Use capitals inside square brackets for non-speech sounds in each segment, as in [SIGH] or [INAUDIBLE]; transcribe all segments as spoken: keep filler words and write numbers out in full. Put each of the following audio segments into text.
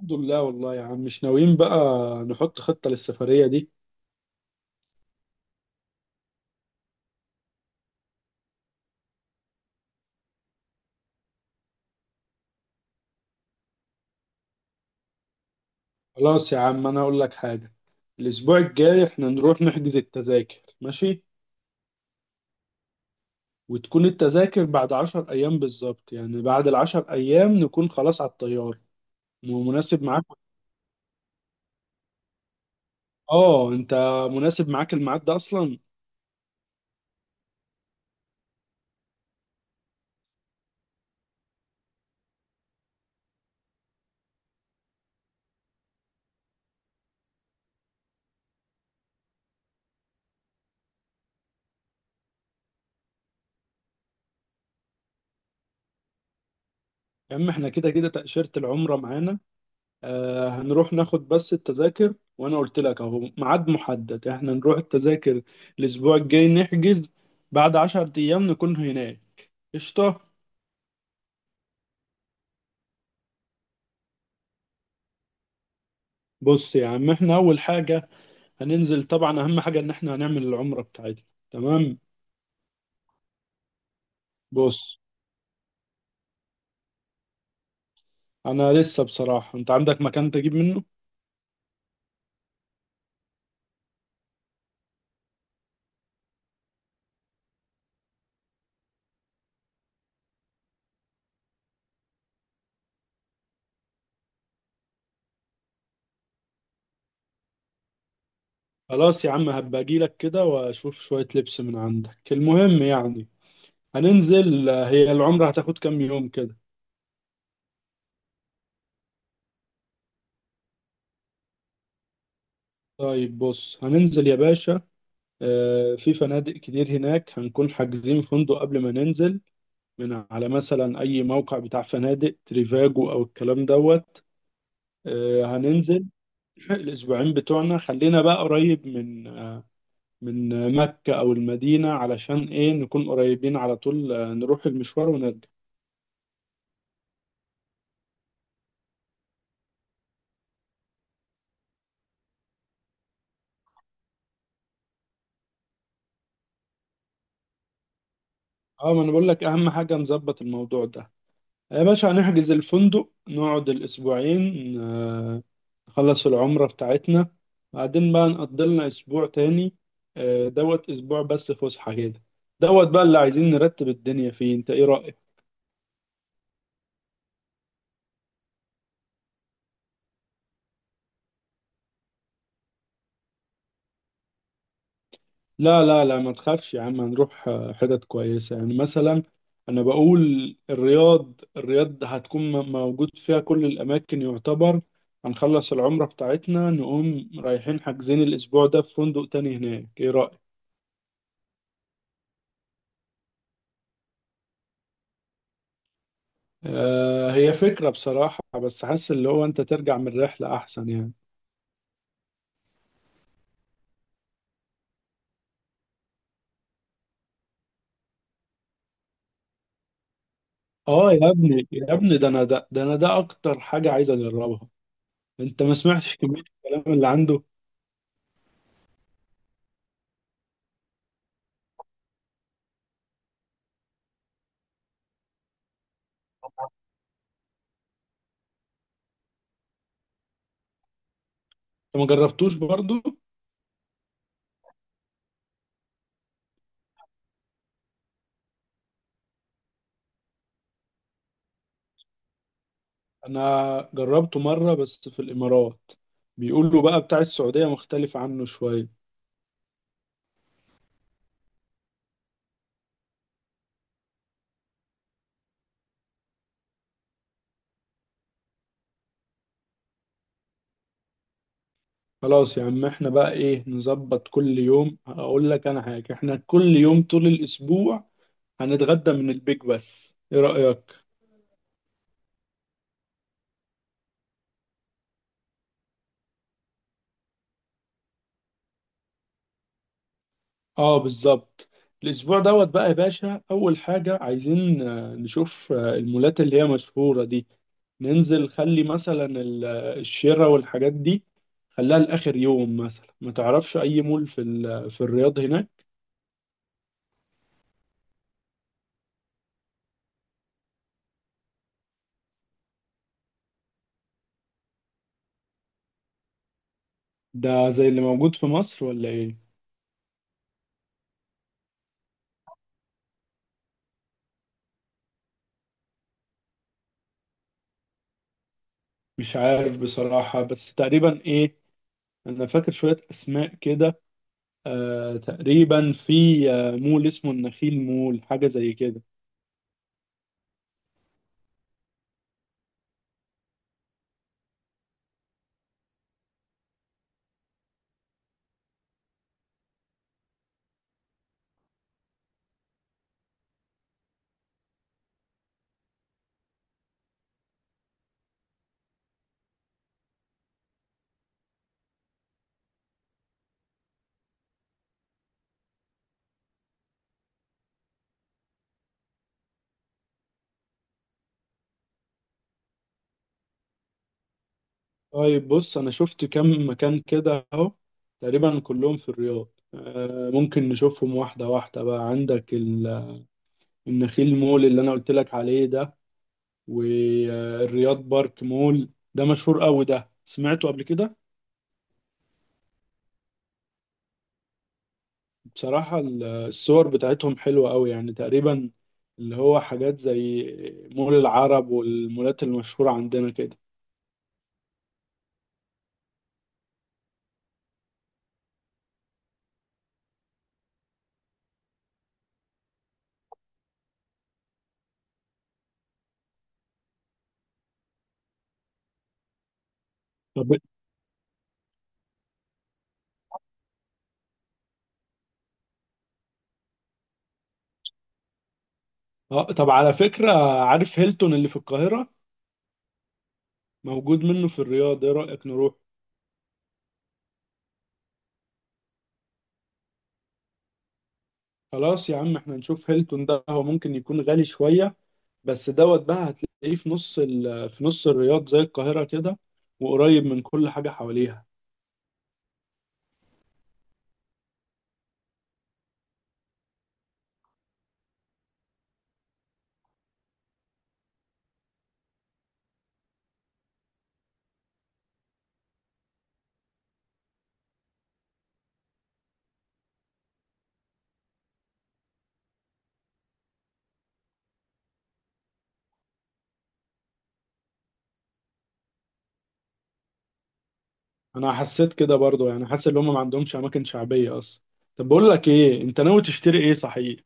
الحمد لله والله يا عم مش ناويين بقى نحط خطة للسفرية دي. خلاص يا عم أنا أقول لك حاجة. الأسبوع الجاي إحنا نروح نحجز التذاكر، ماشي؟ وتكون التذاكر بعد عشر أيام بالظبط، يعني بعد العشر أيام نكون خلاص على الطيارة. م- مناسب معاك؟ آه أنت مناسب معاك الميعاد ده أصلا؟ يا عم إحنا كده كده تأشيرة العمرة معانا. آه هنروح ناخد بس التذاكر، وانا قلت لك اهو ميعاد محدد، احنا نروح التذاكر الاسبوع الجاي نحجز، بعد عشر ايام نكون هناك. قشطة. بص يا عم، احنا اول حاجة هننزل طبعا، اهم حاجة ان احنا هنعمل العمرة بتاعتنا. تمام. بص، انا لسه بصراحة، انت عندك مكان تجيب منه؟ خلاص يا عم، هبقى اجيلك كده واشوف شوية لبس من عندك، المهم يعني هننزل. آه، هي العمرة هتاخد كام يوم كده؟ طيب بص، هننزل يا باشا. آه، في فنادق كتير هناك، هنكون حاجزين فندق قبل ما ننزل من على مثلا أي موقع بتاع فنادق، تريفاجو أو الكلام دوت. آه، هننزل [CLEARS THROAT] الأسبوعين بتوعنا خلينا بقى قريب من من مكة أو المدينة، علشان إيه نكون قريبين على طول، آه، نروح المشوار ونرجع. اه، ما انا بقول لك اهم حاجه نظبط الموضوع ده يا باشا. هنحجز الفندق نقعد الأسبوعين، آه، نخلص العمرة بتاعتنا، بعدين بقى نقضي لنا أسبوع تاني. آه، دوت أسبوع بس فسحة كده، دوت بقى اللي عايزين نرتب الدنيا فيه. أنت إيه رأيك؟ لا لا لا، ما تخافش يا عم، هنروح آه، حتت كويسة يعني. مثلا أنا بقول الرياض، الرياض هتكون م- موجود فيها كل الأماكن يعتبر. هنخلص العمرة بتاعتنا نقوم رايحين حاجزين الأسبوع ده في فندق تاني هناك، إيه رأيك؟ آه، هي فكرة بصراحة، بس حاسس اللي هو انت ترجع من الرحلة احسن يعني. اه يا ابني يا ابني، ده انا ده, ده انا ده اكتر حاجة عايز اجربها. انت ما سمعتش كمية الكلام اللي عنده انت؟ ما جربتوش برضو. انا جربته مرة بس في الامارات، بيقولوا بقى بتاع السعودية مختلف عنه شوية. خلاص يا عم، احنا بقى ايه نظبط؟ كل يوم اقول لك انا حاجة، احنا كل يوم طول الاسبوع هنتغدى من البيك بس، ايه رأيك؟ اه بالظبط. الاسبوع دوت بقى يا باشا، اول حاجه عايزين آه، نشوف آه، المولات اللي هي مشهوره دي. ننزل خلي مثلا ال- آه، الشراء والحاجات دي خليها لاخر يوم مثلا. ما تعرفش اي مول في ال- في الرياض هناك؟ ده زي اللي موجود في مصر ولا ايه؟ مش عارف بصراحه، بس تقريبا ايه، انا فاكر شويه اسماء كده. آه تقريبا في آه، مول اسمه النخيل مول، حاجه زي كده. طيب بص، انا شفت كم مكان كده اهو تقريبا كلهم في الرياض. آه، ممكن نشوفهم واحده واحده بقى. عندك ال- النخيل مول اللي انا قلت لك عليه ده، والرياض بارك مول، ده مشهور قوي، ده سمعته قبل كده. بصراحه ال- الصور بتاعتهم حلوه قوي يعني، تقريبا اللي هو حاجات زي مول العرب والمولات المشهوره عندنا كده. طب اه، طب على فكره، عارف هيلتون اللي في القاهره؟ موجود منه في الرياض، ايه رايك نروح؟ خلاص يا عم، احنا نشوف هيلتون ده. هو ممكن يكون غالي شوية، بس دوت بقى هتلاقيه في نص ال... في نص الرياض زي القاهرة كده، وقريب من كل حاجة حواليها. انا حسيت كده برضو، يعني حاسس ان هم ما عندهمش اماكن شعبية اصلا. طب بقول لك ايه، انت ناوي تشتري ايه صحيح؟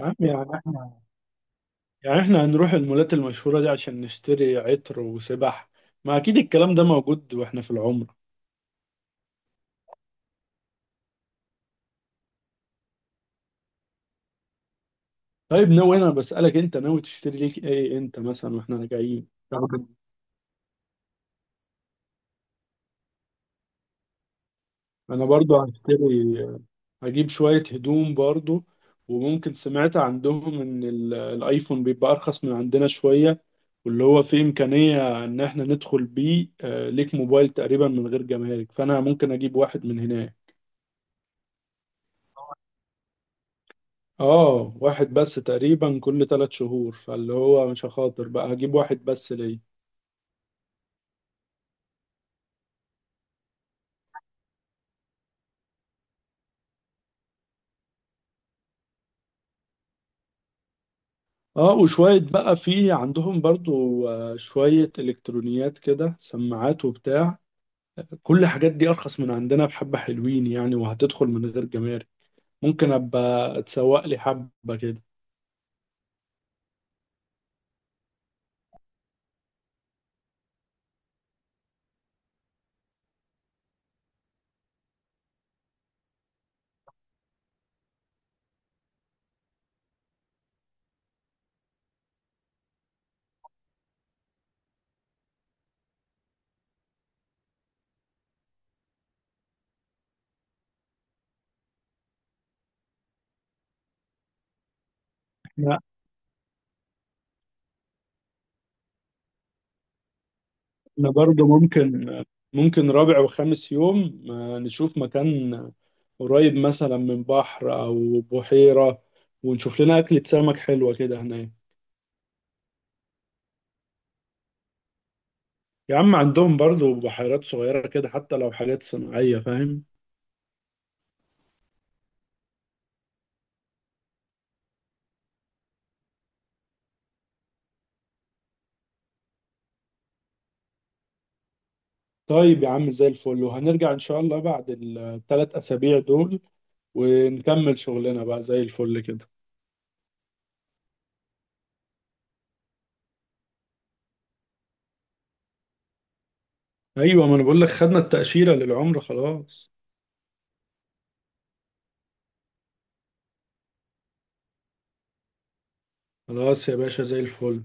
يا عم يعني احنا يعني احنا هنروح المولات المشهورة دي عشان نشتري عطر وسبح؟ ما اكيد الكلام ده موجود واحنا في العمرة. طيب ناوي، انا بسألك انت ناوي تشتري ليك ايه انت مثلا واحنا راجعين؟ طب انا برضو هشتري، هجيب شوية هدوم برضو، وممكن سمعت عندهم إن ال- الآيفون بيبقى أرخص من عندنا شوية، واللي هو فيه إمكانية إن إحنا ندخل بيه، آه، ليك موبايل تقريبا من غير جمارك، فأنا ممكن أجيب واحد من هناك. آه واحد بس تقريبا كل ثلاث شهور، فاللي هو مش هخاطر بقى، هجيب واحد بس ليا. آه، وشوية بقى في عندهم برضو آه، شوية إلكترونيات كده، سماعات وبتاع، كل الحاجات دي أرخص من عندنا بحبة، حلوين يعني وهتدخل من غير جمارك. ممكن ابقى اتسوق لي حبه كده. احنا احنا برضه ممكن، ممكن رابع وخامس يوم آه، نشوف مكان قريب مثلا من بحر او بحيره، ونشوف لنا اكلة سمك حلوه كده هناك. يا عم، عندهم برضه بحيرات صغيره كده، حتى لو حاجات صناعيه، فاهم؟ طيب يا عم زي الفل، وهنرجع ان شاء الله بعد الثلاث اسابيع دول ونكمل شغلنا بقى زي الفل كده. ايوه، ما انا بقول لك خدنا التأشيرة للعمرة خلاص. خلاص يا باشا، زي الفل.